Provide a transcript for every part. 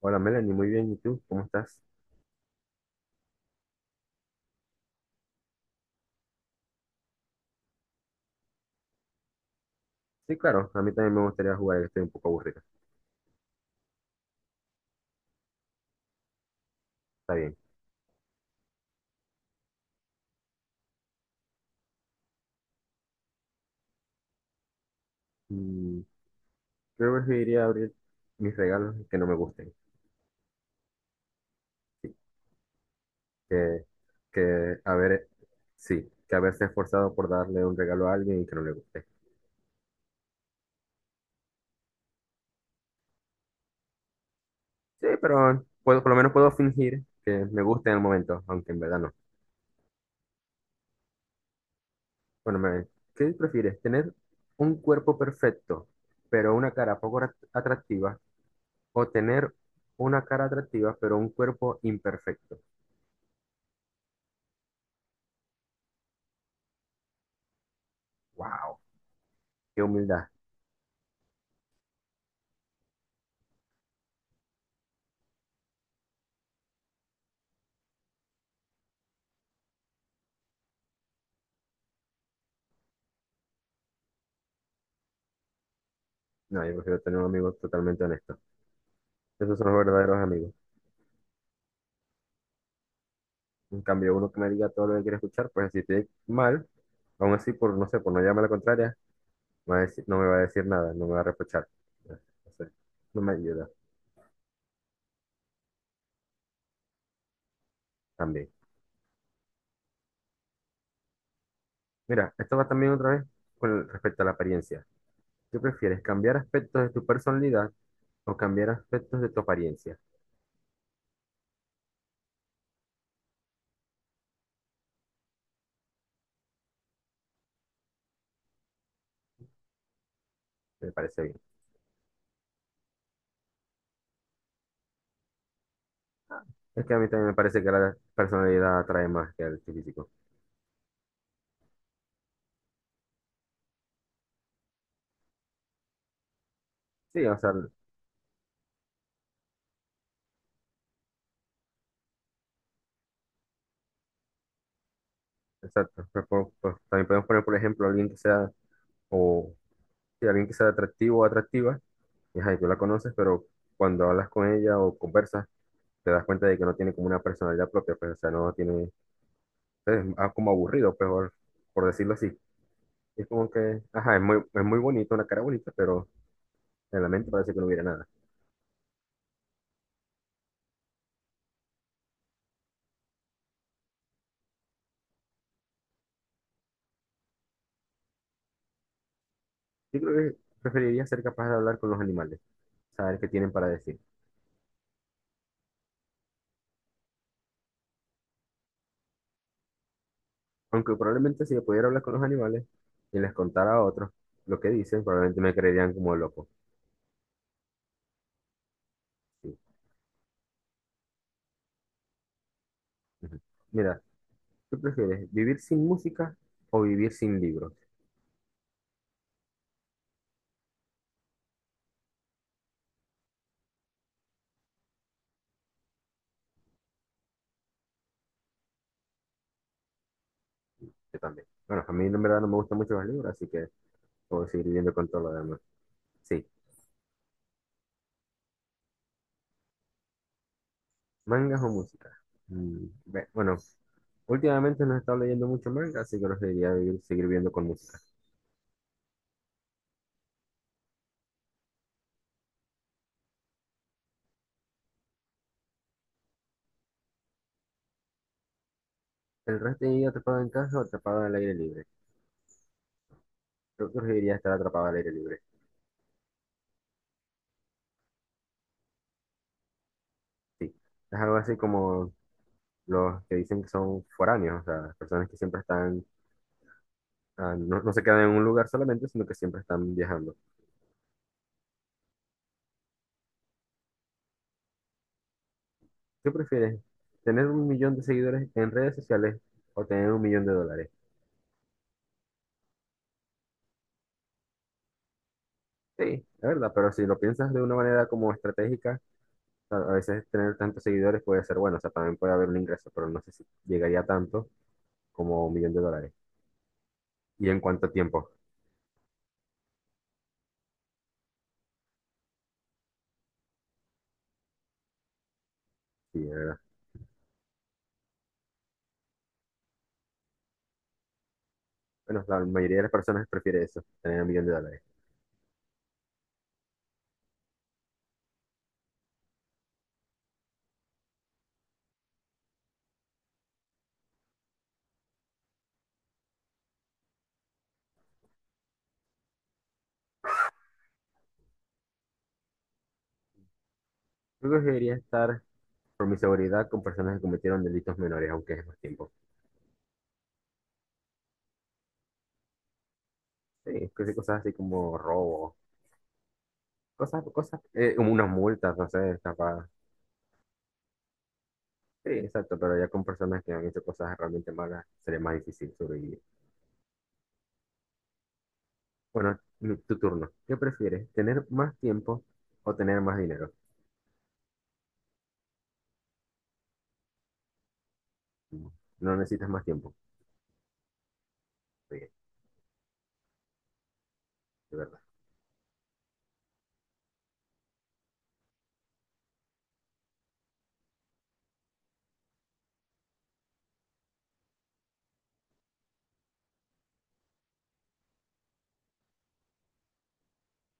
Hola Melanie, muy bien. ¿Y tú? ¿Cómo estás? Sí, claro, a mí también me gustaría jugar, que estoy un poco aburrido. Está bien. Mm, creo que iría a abrir mis regalos que no me gusten. Que, que haber, sí, que haberse esforzado por darle un regalo a alguien y que no le guste. Sí, pero por lo menos puedo fingir que me gusta en el momento, aunque en verdad no. Bueno, Melanie, ¿qué prefieres? ¿Tener un cuerpo perfecto, pero una cara poco atractiva? ¿O tener una cara atractiva, pero un cuerpo imperfecto? ¡Wow! Qué humildad. No, yo prefiero tener un amigo totalmente honesto. Esos son los verdaderos amigos. En cambio, uno que me diga todo lo que quiere escuchar, pues si estoy mal, aún así, por no sé, por no llamarme la contraria, me va a decir- no me va a decir nada, no me va a reprochar. No sé, no me ayuda también. Mira, esto va también otra vez con respecto a la apariencia. ¿Qué prefieres, cambiar aspectos de tu personalidad o cambiar aspectos de tu apariencia? Me parece bien. Es que a mí también me parece que la personalidad atrae más que el físico. Sí, o sea. Exacto. Pues, pues, también podemos poner, por ejemplo, alguien que sea, o sí, alguien que sea atractivo o atractiva, y ajá, y tú la conoces, pero cuando hablas con ella o conversas, te das cuenta de que no tiene como una personalidad propia, pues, o sea, no tiene, pues, es como aburrido, pues, por decirlo así. Es como que, ajá, es muy bonito, una cara bonita, pero en la mente parece que no hubiera nada. Yo creo que preferiría ser capaz de hablar con los animales, saber qué tienen para decir. Aunque probablemente si yo pudiera hablar con los animales y les contara a otros lo que dicen, probablemente me creerían como loco. Sí. Ujú. Mira, ¿qué prefieres? ¿Vivir sin música o vivir sin libros? Yo también. Bueno, a mí en verdad no me gustan mucho los libros, así que puedo seguir viviendo con todo lo demás. Sí, mangas o música. Bueno, últimamente no he estado leyendo mucho manga, así que preferiría seguir viviendo con música. ¿El resto de mi vida atrapado en casa o atrapado al aire libre? Yo preferiría estar atrapado al aire libre. Sí, es algo así como los que dicen que son foráneos, o sea, personas que siempre están, no, no se quedan en un lugar solamente, sino que siempre están viajando. ¿Qué prefieres? ¿Tener un millón de seguidores en redes sociales o tener un millón de dólares? Sí, es verdad, pero si lo piensas de una manera como estratégica, a veces tener tantos seguidores puede ser bueno, o sea, también puede haber un ingreso, pero no sé si llegaría a tanto como un millón de dólares. ¿Y en cuánto tiempo? Sí, es verdad. Bueno, la mayoría de las personas prefiere eso, tener un millón de dólares. Yo preferiría estar, por mi seguridad, con personas que cometieron delitos menores, aunque es más tiempo. Sí, cosas así como robo, como unas multas, no sé, capaz. Sí, exacto, pero ya con personas que han hecho cosas realmente malas sería más difícil sobrevivir. Bueno, tu turno. ¿Qué prefieres? ¿Tener más tiempo o tener más dinero? Mm, No necesitas más tiempo. Sí, de verdad.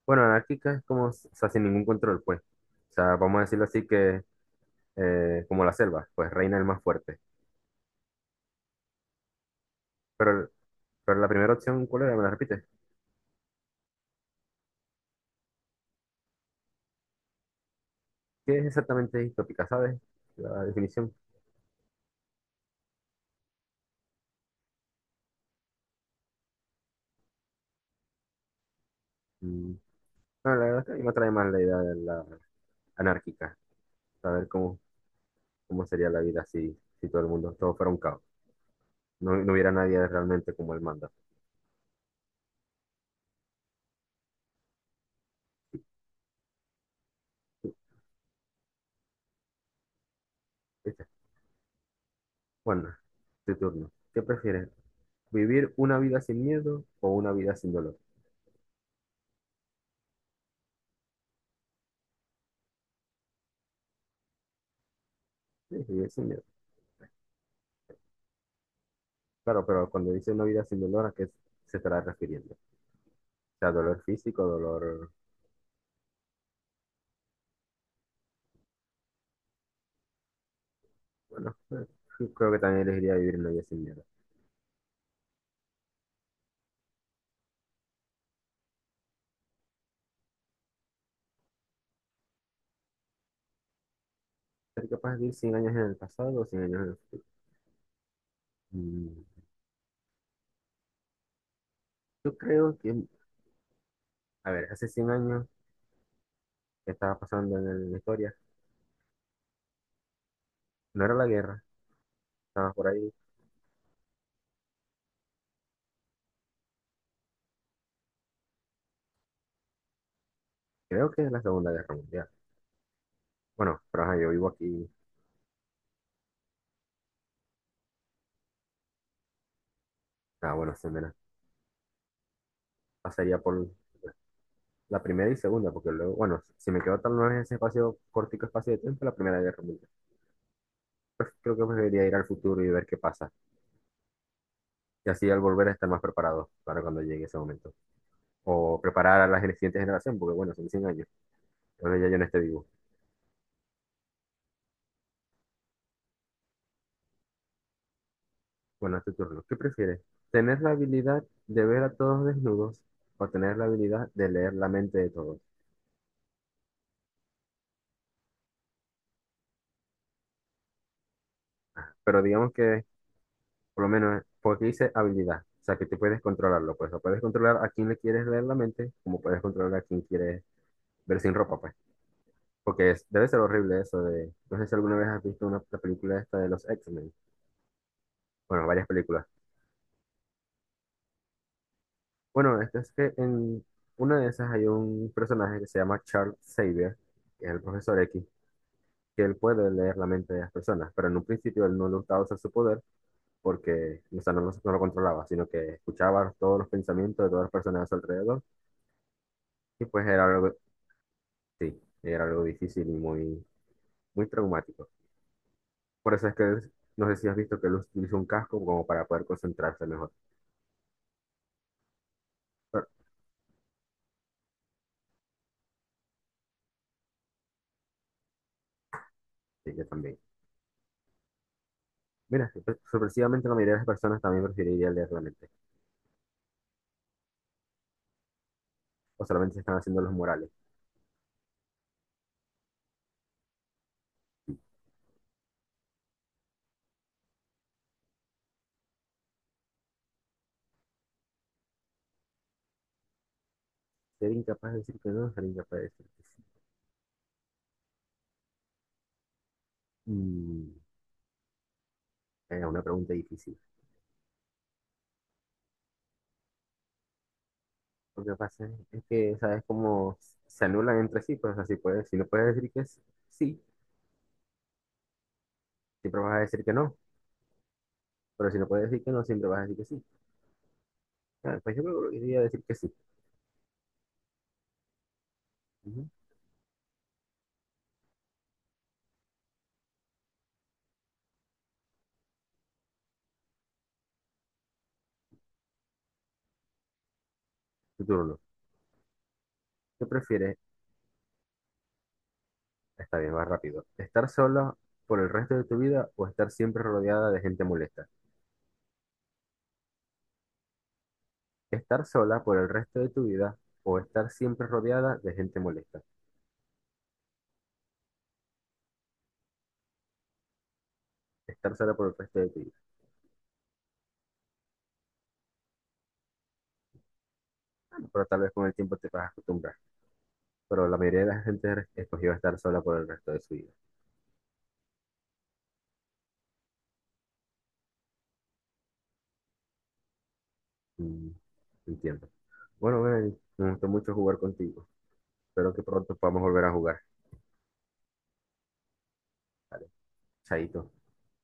Bueno, anárquica es como, o sea, sin ningún control, pues. O sea, vamos a decirlo así que, como la selva, pues reina el más fuerte. Pero, pero, la primera opción, ¿cuál era? ¿Me la repites? ¿Qué es exactamente distópica, sabes? La definición. Mm, Bueno, la verdad es que a mí me atrae más la idea de la anárquica. Saber cómo sería la vida si todo el mundo, todo fuera un caos. No, no hubiera nadie realmente como él manda. Dice, Juana, tu turno. ¿Qué prefieres? ¿Vivir una vida sin miedo o una vida sin dolor? Sí, vivir sin miedo. Claro, pero cuando dice una vida sin dolor, ¿a qué se estará refiriendo? O sea, dolor físico, dolor. Bueno, yo creo que también elegiría vivir una vida sin miedo. ¿Ser capaz de vivir 100 años en el pasado o 100 años en el futuro? Mm, Yo creo que, a ver, hace 100 años que estaba pasando en la historia, no era la guerra, estaba por ahí. Creo que es la Segunda Guerra Mundial. Bueno, pero ajá, yo vivo aquí. Ah, bueno, se me pasaría por la primera y segunda, porque luego, bueno, si me quedo tal vez en ese espacio, cortico espacio de tiempo, la Primera Guerra Mundial. Pues creo que preferiría ir al futuro y ver qué pasa. Y así al volver estar más preparado para cuando llegue ese momento. O preparar a la siguiente generación, porque bueno, son 100 años. Entonces ya yo no esté vivo. Bueno, es tu turno. ¿Qué prefieres? ¿Tener la habilidad de ver a todos desnudos o tener la habilidad de leer la mente de todos? Pero digamos que Por lo menos, porque dice habilidad. O sea, que tú puedes controlarlo, pues. O puedes controlar a quién le quieres leer la mente, como puedes controlar a quién quieres ver sin ropa, pues. Porque debe ser horrible eso de. No sé si alguna vez has visto la película esta de los X-Men. Bueno, varias películas. Bueno, esto es que en una de esas hay un personaje que se llama Charles Xavier, que es el profesor X, que él puede leer la mente de las personas, pero en un principio él no le gustaba usar su poder porque, o sea, no, no lo controlaba, sino que escuchaba todos los pensamientos de todas las personas a su alrededor y pues era algo. Sí, era algo difícil y muy, muy traumático. Por eso es que no sé si has visto que él utilizó un casco como para poder concentrarse mejor. Pero sí, yo también. Mira, sorpresivamente la mayoría de las personas también preferiría leer la mente. O solamente se están haciendo los morales. Ser incapaz de decir que no, ser incapaz de decir que sí. Mm, era una pregunta difícil. Lo que pasa es que, ¿sabes cómo se anulan entre sí? Pues así puedes. Si no puedes decir que es sí, siempre vas a decir que no. Pero si no puedes decir que no, siempre vas a decir que sí. Pues yo creo que debería decir que sí. Ujú. Tu turno. ¿Qué prefieres? Está bien, va rápido. ¿Estar sola por el resto de tu vida o estar siempre rodeada de gente molesta? ¿Estar sola por el resto de tu vida o estar siempre rodeada de gente molesta? Estar sola por el resto de tu vida. Pero tal vez con el tiempo te vas a acostumbrar. Pero la mayoría de la gente escogió estar sola por el resto de su vida. Mm, entiendo. Bueno, Melanie, me gustó mucho jugar contigo. Espero que pronto podamos volver a jugar. Vale, chaito.